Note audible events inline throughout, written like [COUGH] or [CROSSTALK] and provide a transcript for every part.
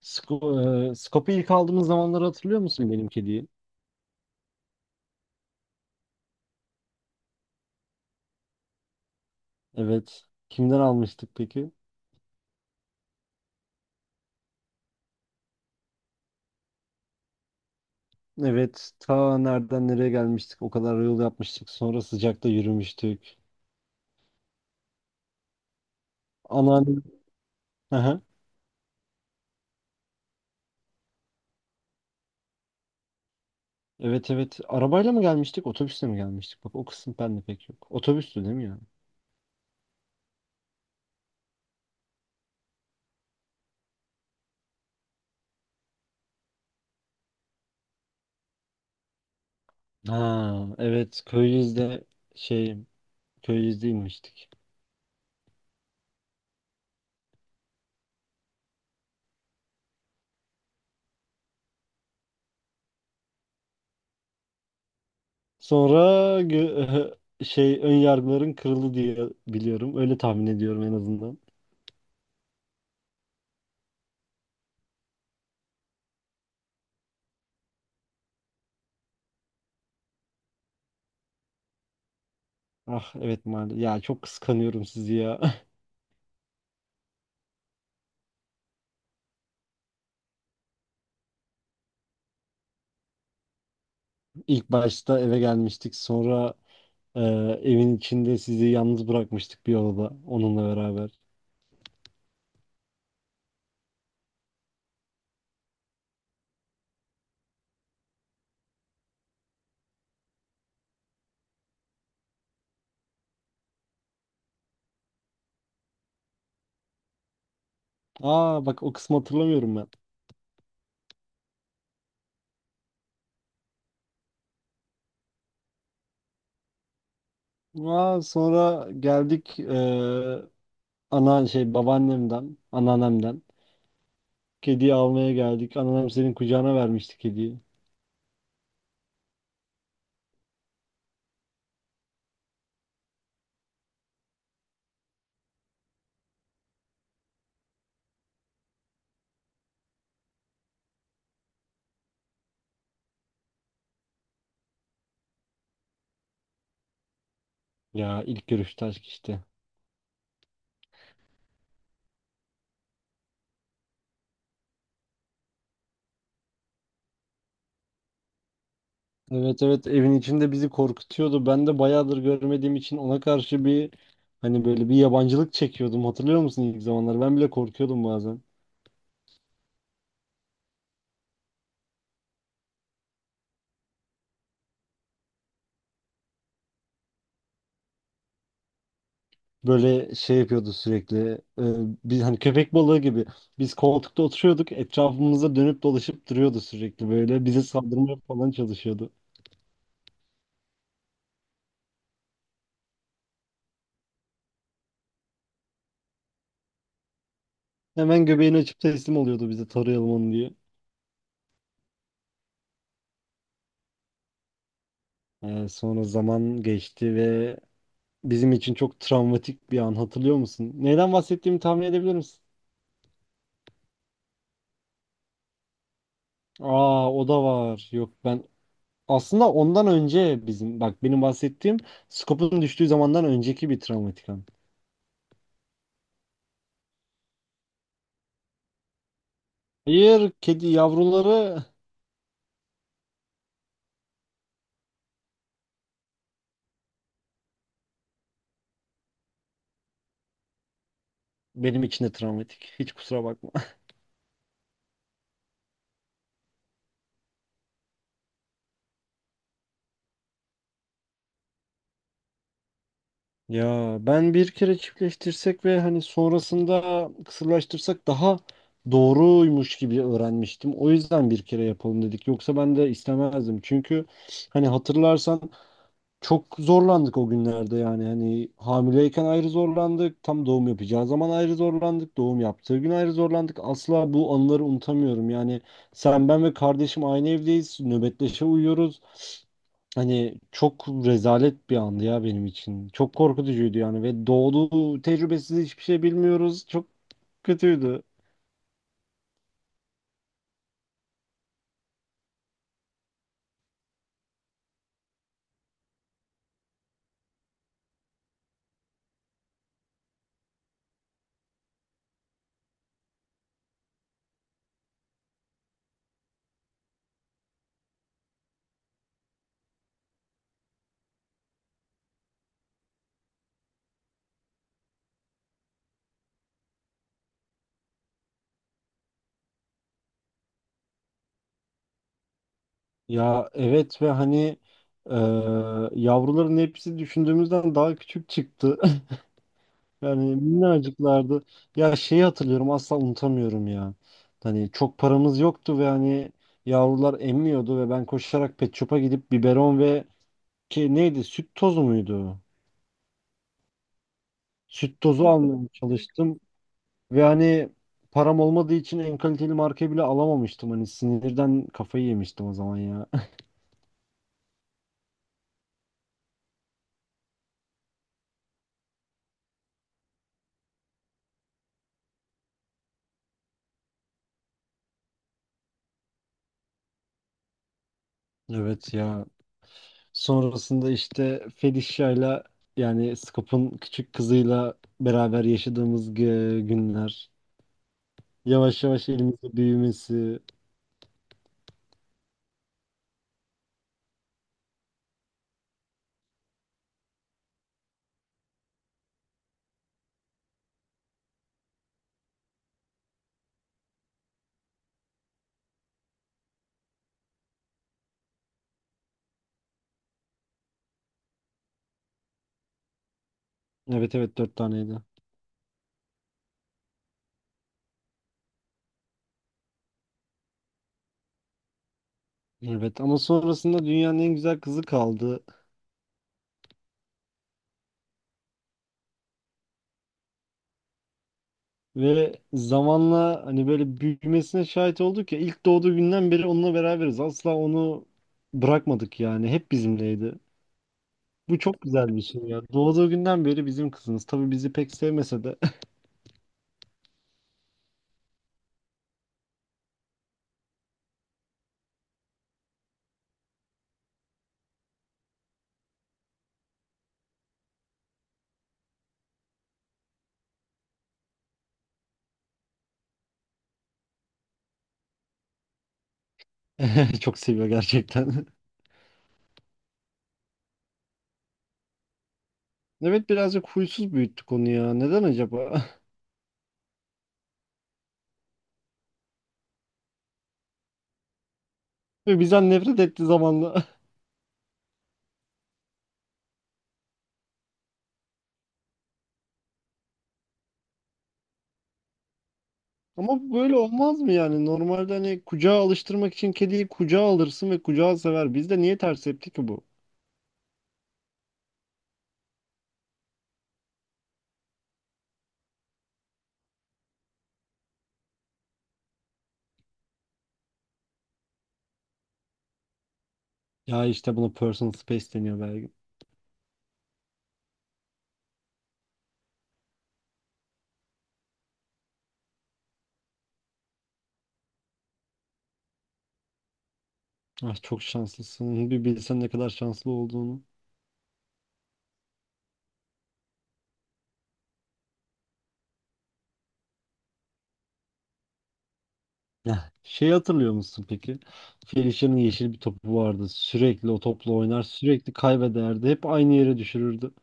Sko Skop'u ilk aldığımız zamanları hatırlıyor musun benim kediyi? Evet. Kimden almıştık peki? Evet. Ta nereden nereye gelmiştik? O kadar yol yapmıştık. Sonra sıcakta yürümüştük. Anneannem. Aha. Evet, evet. Arabayla mı gelmiştik? Otobüsle mi gelmiştik? Bak o kısım bende pek yok. Otobüstü değil mi ya? Ha evet. Şey Köyüzde inmiştik. Sonra gö- [LAUGHS] ön yargıların kırıldı diye biliyorum. Öyle tahmin ediyorum en azından. Ah evet maalesef. Ya çok kıskanıyorum sizi ya. [LAUGHS] İlk başta eve gelmiştik. Sonra e, evin içinde sizi yalnız bırakmıştık bir odada onunla beraber. Aa bak o kısmı hatırlamıyorum ben. Aa sonra geldik, anneannemden. Kediyi almaya geldik. Anneannem senin kucağına vermişti kediyi. Ya ilk görüşte aşk işte. Evet, evet. Evin içinde bizi korkutuyordu. Ben de bayağıdır görmediğim için ona karşı bir, hani böyle bir yabancılık çekiyordum. Hatırlıyor musun ilk zamanlar? Ben bile korkuyordum bazen. Böyle şey yapıyordu sürekli. e, Biz hani köpek balığı gibi. Biz koltukta oturuyorduk. Etrafımıza dönüp dolaşıp duruyordu sürekli böyle. Bize saldırmaya falan çalışıyordu. Hemen göbeğini açıp teslim oluyordu bize tarayalım onu diye. Sonra zaman geçti ve bizim için çok travmatik bir an hatırlıyor musun? Neyden bahsettiğimi tahmin edebilir misin? Aa o da var. Yok, ben aslında ondan önce bak, benim bahsettiğim Scope'un düştüğü zamandan önceki bir travmatik an. Hayır, kedi yavruları benim için de travmatik. Hiç kusura bakma. [LAUGHS] Ya, ben bir kere çiftleştirsek ve hani sonrasında kısırlaştırsak daha doğruymuş gibi öğrenmiştim. O yüzden bir kere yapalım dedik. Yoksa ben de istemezdim. Çünkü hani hatırlarsan çok zorlandık o günlerde yani. Hani hamileyken ayrı zorlandık, tam doğum yapacağı zaman ayrı zorlandık, doğum yaptığı gün ayrı zorlandık. Asla bu anıları unutamıyorum. Yani sen, ben ve kardeşim aynı evdeyiz, nöbetleşe uyuyoruz. Hani çok rezalet bir andı ya benim için. Çok korkutucuydu yani ve doğduğu tecrübesiz hiçbir şey bilmiyoruz. Çok kötüydü. Ya evet, ve hani eee, yavruların hepsi düşündüğümüzden daha küçük çıktı. Yani minnacıklardı. Ya şeyi hatırlıyorum, asla unutamıyorum ya. Hani çok paramız yoktu ve hani yavrular emmiyordu ve ben koşarak pet shop'a gidip biberon ve ki neydi, süt tozu muydu? Süt tozu almaya çalıştım ve hani param olmadığı için en kaliteli markayı bile alamamıştım. Hani sinirden kafayı yemiştim o zaman ya. [LAUGHS] Evet ya. Sonrasında işte Felicia'yla, yani Scoop'un küçük kızıyla beraber yaşadığımız günler. Yavaş yavaş elimizde büyümesi. Evet, evet dört taneydi. Evet, ama sonrasında dünyanın en güzel kızı kaldı. Ve zamanla hani böyle büyümesine şahit olduk ya, ilk doğduğu günden beri onunla beraberiz. Asla onu bırakmadık yani. Hep bizimleydi. Bu çok güzel bir şey ya. Doğduğu günden beri bizim kızımız. Tabii bizi pek sevmese de [LAUGHS] çok seviyor gerçekten. [LAUGHS] Evet, birazcık huysuz büyüttük onu ya. Neden acaba? [LAUGHS] Ve bizden nefret etti zamanla. Ama böyle olmaz mı yani? Normalde hani kucağa alıştırmak için kediyi kucağa alırsın ve kucağı sever. Bizde niye ters tepki ki bu? Ya işte buna personal space deniyor belki. Ah çok şanslısın. Bir bilsen ne kadar şanslı olduğunu. Ya şey hatırlıyor musun peki? Felicia'nın yeşil bir topu vardı. Sürekli o topla oynar, sürekli kaybederdi. Hep aynı yere düşürürdü.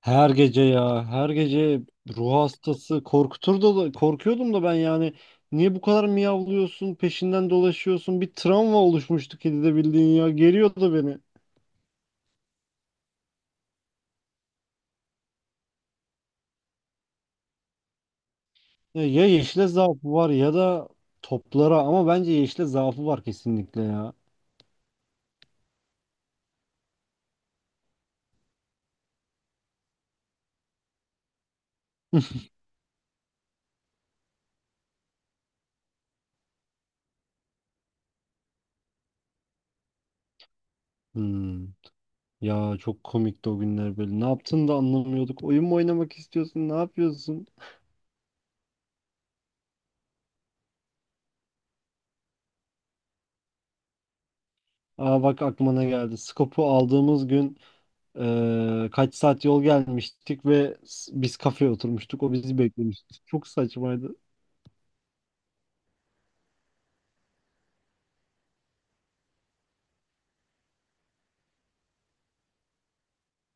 Her gece ya, her gece ruh hastası korkuturdu da korkuyordum da ben yani, niye bu kadar miyavlıyorsun, peşinden dolaşıyorsun? Bir travma oluşmuştu kedide bildiğin ya, geriyordu beni. Ya, ya yeşile zaafı var ya da toplara, ama bence yeşile zaafı var kesinlikle ya. Hmm. Ya çok komikti o günler böyle. Ne yaptığını da anlamıyorduk. Oyun mu oynamak istiyorsun? Ne yapıyorsun? Aa bak aklıma ne geldi. Skop'u aldığımız gün kaç saat yol gelmiştik ve biz kafeye oturmuştuk. O bizi beklemişti. Çok saçmaydı.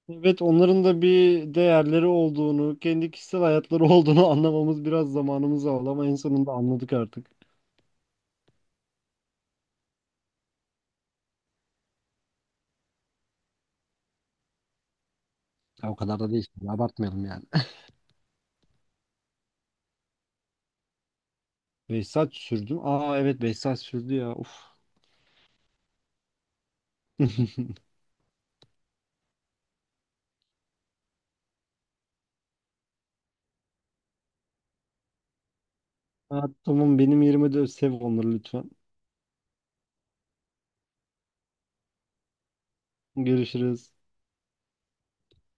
Evet, onların da bir değerleri olduğunu, kendi kişisel hayatları olduğunu [LAUGHS] anlamamız biraz zamanımızı aldı, ama en sonunda anladık artık. Ya o kadar da değil. Şimdi, abartmayalım yani. [LAUGHS] 5 saat sürdü. Mü? Aa evet, 5 saat sürdü ya. Uf. [LAUGHS] Aa, tamam, benim yerime de sev onları lütfen. Görüşürüz.